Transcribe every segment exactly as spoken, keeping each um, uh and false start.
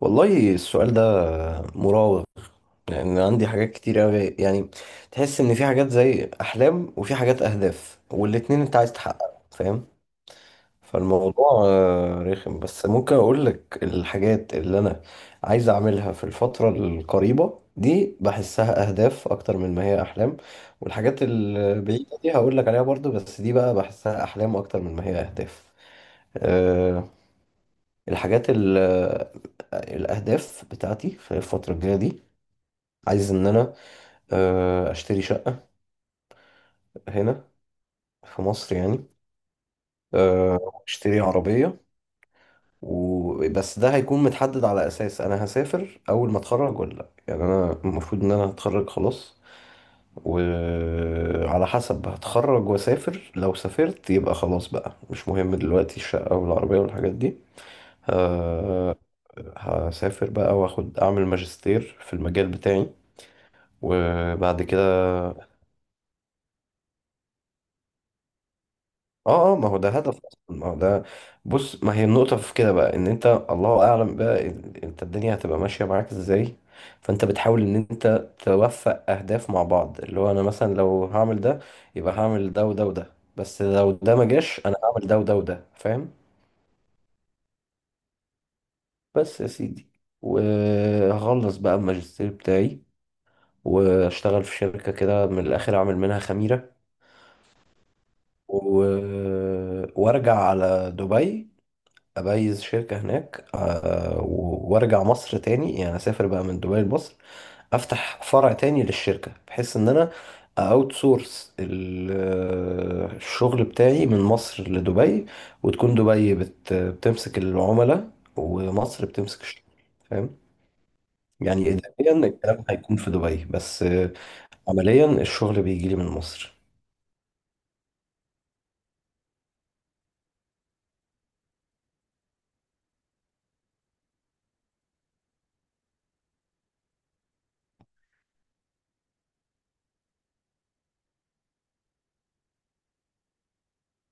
والله السؤال ده مراوغ. لان عندي حاجات كتير أوي، يعني تحس ان في حاجات زي احلام وفي حاجات اهداف والاتنين انت عايز تحققها، فاهم. فالموضوع آه، رخم، بس ممكن اقول لك الحاجات اللي انا عايز اعملها في الفترة القريبة دي بحسها اهداف اكتر من ما هي احلام، والحاجات البعيدة دي هقول لك عليها برضو، بس دي بقى بحسها احلام اكتر من ما هي اهداف. آه، الحاجات ال الأهداف بتاعتي في الفترة الجاية دي، عايز إن أنا آه، أشتري شقة هنا في مصر يعني. آه، أشتري عربية وبس. ده هيكون متحدد على أساس أنا هسافر أول ما أتخرج ولا لأ. يعني أنا المفروض إن أنا هتخرج خلاص، وعلى حسب هتخرج وأسافر. لو سافرت يبقى خلاص بقى مش مهم دلوقتي الشقة والعربية والحاجات دي. آه، هسافر بقى واخد اعمل ماجستير في المجال بتاعي وبعد كده. اه اه، ما هو ده هدف اصلا، ما هو ده. بص، ما هي النقطة في كده بقى، ان انت الله اعلم بقى ال- انت الدنيا هتبقى ماشية معاك ازاي. فانت بتحاول ان انت توفق اهداف مع بعض، اللي هو انا مثلا لو هعمل ده يبقى هعمل ده وده وده، بس لو ده ما جاش انا هعمل ده وده وده، فاهم. بس يا سيدي، وهخلص بقى الماجستير بتاعي واشتغل في شركة كده، من الاخر اعمل منها خميرة و... وارجع على دبي، أبيز شركة هناك. آه، و- وأرجع مصر تاني، يعني أسافر بقى من دبي لمصر، أفتح فرع تاني للشركة، بحيث إن أنا أوت سورس الشغل بتاعي من مصر لدبي، وتكون دبي بت- بتمسك العملاء ومصر بتمسك الشغل، فاهم. يعني إداريا الكلام هيكون في دبي، بس آه، عمليا الشغل بيجي لي من مصر.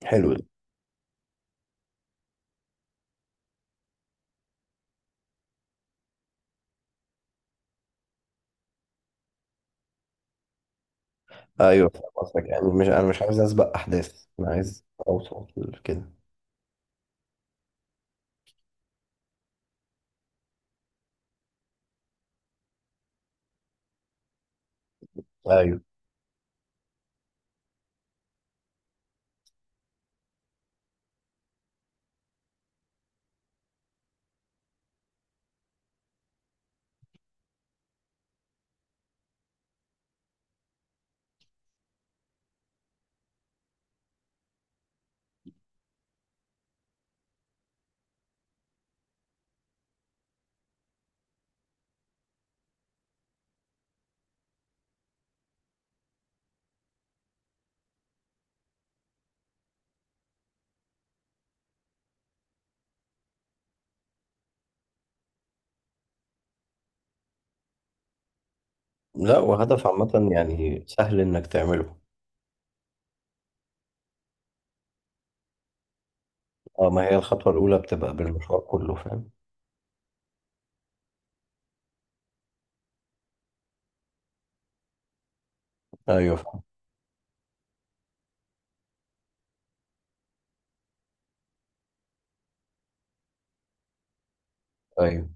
حلو ده. ايوه، فاهم قصدك. يعني مش، انا مش عايز اسبق احداث، انا عايز اوصل كده. ايوه. لا، وهدف عامة يعني سهل إنك تعمله. اه، ما هي الخطوة الأولى بتبقى بالمشروع كله، فاهم. أيوه، فاهم. أيوه.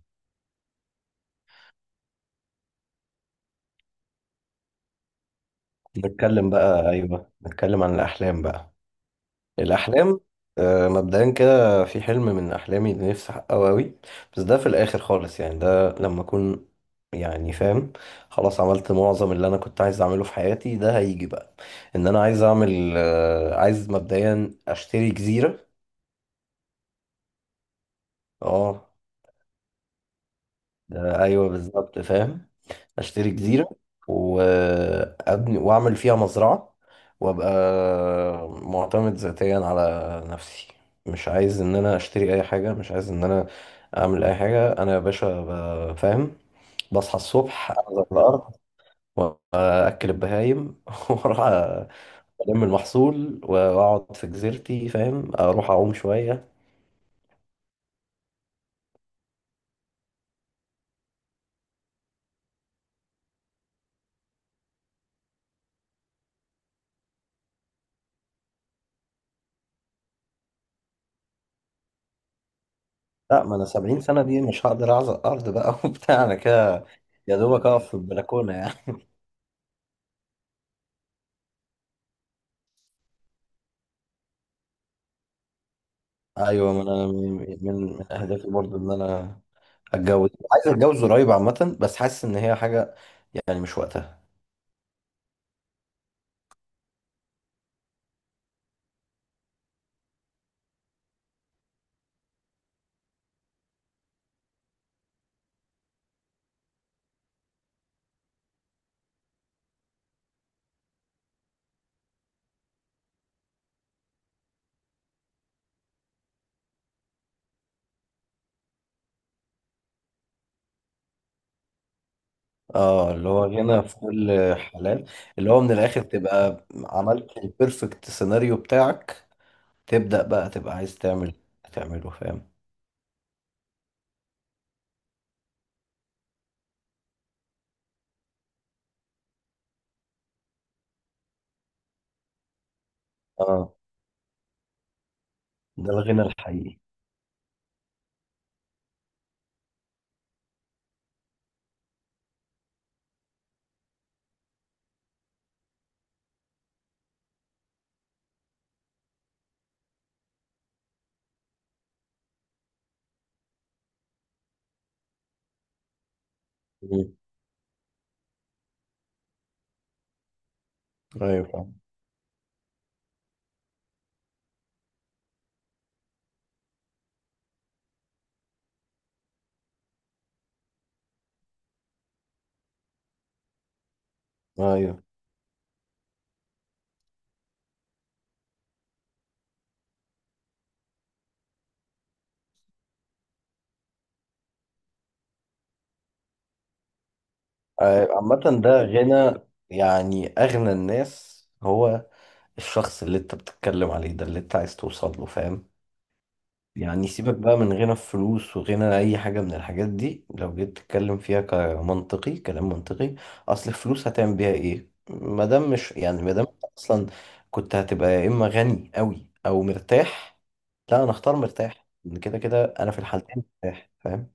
نتكلم بقى أيوه نتكلم عن الأحلام بقى. الأحلام، آه، مبدئيا كده في حلم من أحلامي اللي نفسي أحققه أوي، بس ده في الآخر خالص، يعني ده لما أكون، يعني فاهم، خلاص عملت معظم اللي أنا كنت عايز أعمله في حياتي، ده هيجي بقى. إن أنا عايز أعمل، آه، عايز مبدئيا أشتري جزيرة. اه، ده ايوه بالظبط، فاهم. اشتري جزيره وابني واعمل فيها مزرعه، وابقى معتمد ذاتيا على نفسي. مش عايز ان انا اشتري اي حاجه، مش عايز ان انا اعمل اي حاجه. انا يا باشا، ب- فاهم، بصحى الصبح انزل الارض واكل البهايم واروح الم المحصول واقعد في جزيرتي، فاهم، اروح اعوم شويه. لا، ما انا سبعين سنه دي مش هقدر اعزق ارض بقى وبتاع، انا كده يا دوبك اقف في البلكونه يعني. ايوه، ما انا من من من اهدافي برضو ان انا اتجوز، عايز اتجوز قريب عامه، بس حاسس ان هي حاجه يعني مش وقتها. اه، اللي هو هنا في كل حلال، اللي هو من الاخر تبقى عملت البيرفكت سيناريو بتاعك، تبدا بقى تبقى عايز تعمل تعمله، فاهم. اه، ده الغنى الحقيقي. مم. ايوه فاهم. ايوه، آه، عامه ده غنى. يعني اغنى الناس هو الشخص اللي انت بتتكلم عليه ده، اللي انت عايز توصل له، فاهم. يعني سيبك بقى من غنى الفلوس وغنى اي حاجة من الحاجات دي، لو جيت تتكلم فيها كمنطقي كلام منطقي. اصل الفلوس هتعمل بيها ايه ما دام مش، يعني ما دام انت اصلا كنت هتبقى يا اما غني قوي او مرتاح، لا انا اختار مرتاح، ان كده كده انا في الحالتين مرتاح، فاهم.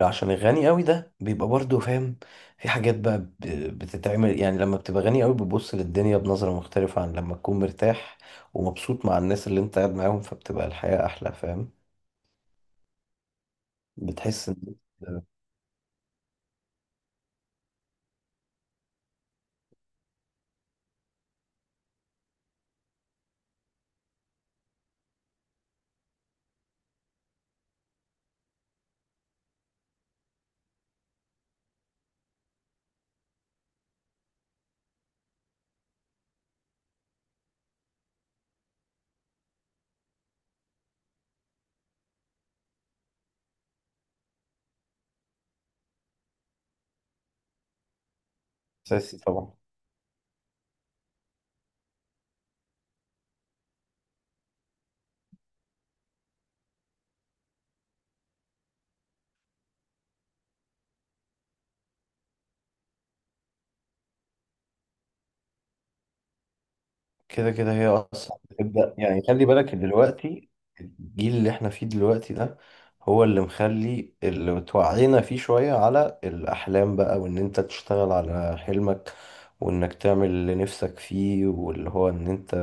عشان الغني قوي ده بيبقى برضه، فاهم، في حاجات بقى ب- بتتعمل. يعني لما بتبقى غني قوي بتبص للدنيا بنظرة مختلفة عن لما تكون مرتاح ومبسوط مع الناس اللي انت قاعد معاهم، فبتبقى الحياة احلى، فاهم. بتحس ان اساسي طبعا. كده كده هي اصلا بتبدا. يعني خلي بالك إن دلوقتي الجيل اللي احنا فيه دلوقتي ده هو اللي مخلي اللي توعينا فيه شويه على الاحلام بقى، وان انت تشتغل على حلمك، وانك تعمل اللي نفسك فيه، واللي هو ان انت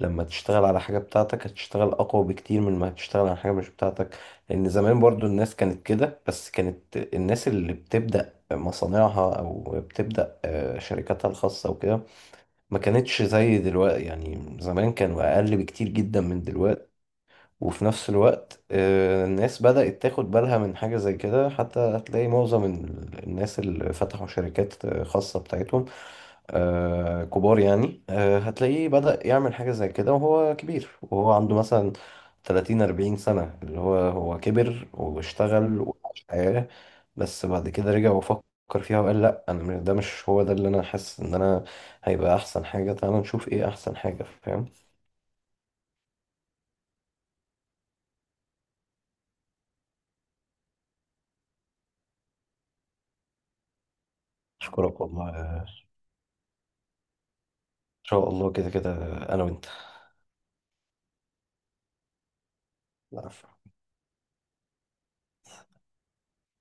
لما تشتغل على حاجه بتاعتك هتشتغل اقوى بكتير من ما هتشتغل على حاجه مش بتاعتك. لان زمان برضو الناس كانت كده، بس كانت الناس اللي بتبدا مصانعها او بتبدا آه، شركاتها الخاصه وكده ما كانتش زي دلوقتي. يعني زمان كانوا أقل بكتير جدا من دلوقتي. وفي نفس الوقت آه، الناس بدأت تاخد بالها من حاجة زي كده. حتى هتلاقي معظم ال- الناس اللي فتحوا شركات آه، خاصة بتاعتهم، آه كبار يعني. آه، هتلاقيه بدأ يعمل حاجة زي كده وهو كبير، وهو عنده مثلا تلاتين أربعين سنة، اللي هو هو كبر واشتغل وعاش حياة، بس بعد كده رجع وفكر فيها وقال لا، انا م- ده مش هو ده اللي انا حاسس ان انا هيبقى احسن حاجة. تعالى نشوف ايه احسن حاجة، فاهم. اشكرك والله، ان شاء الله، كده كده انا وانت.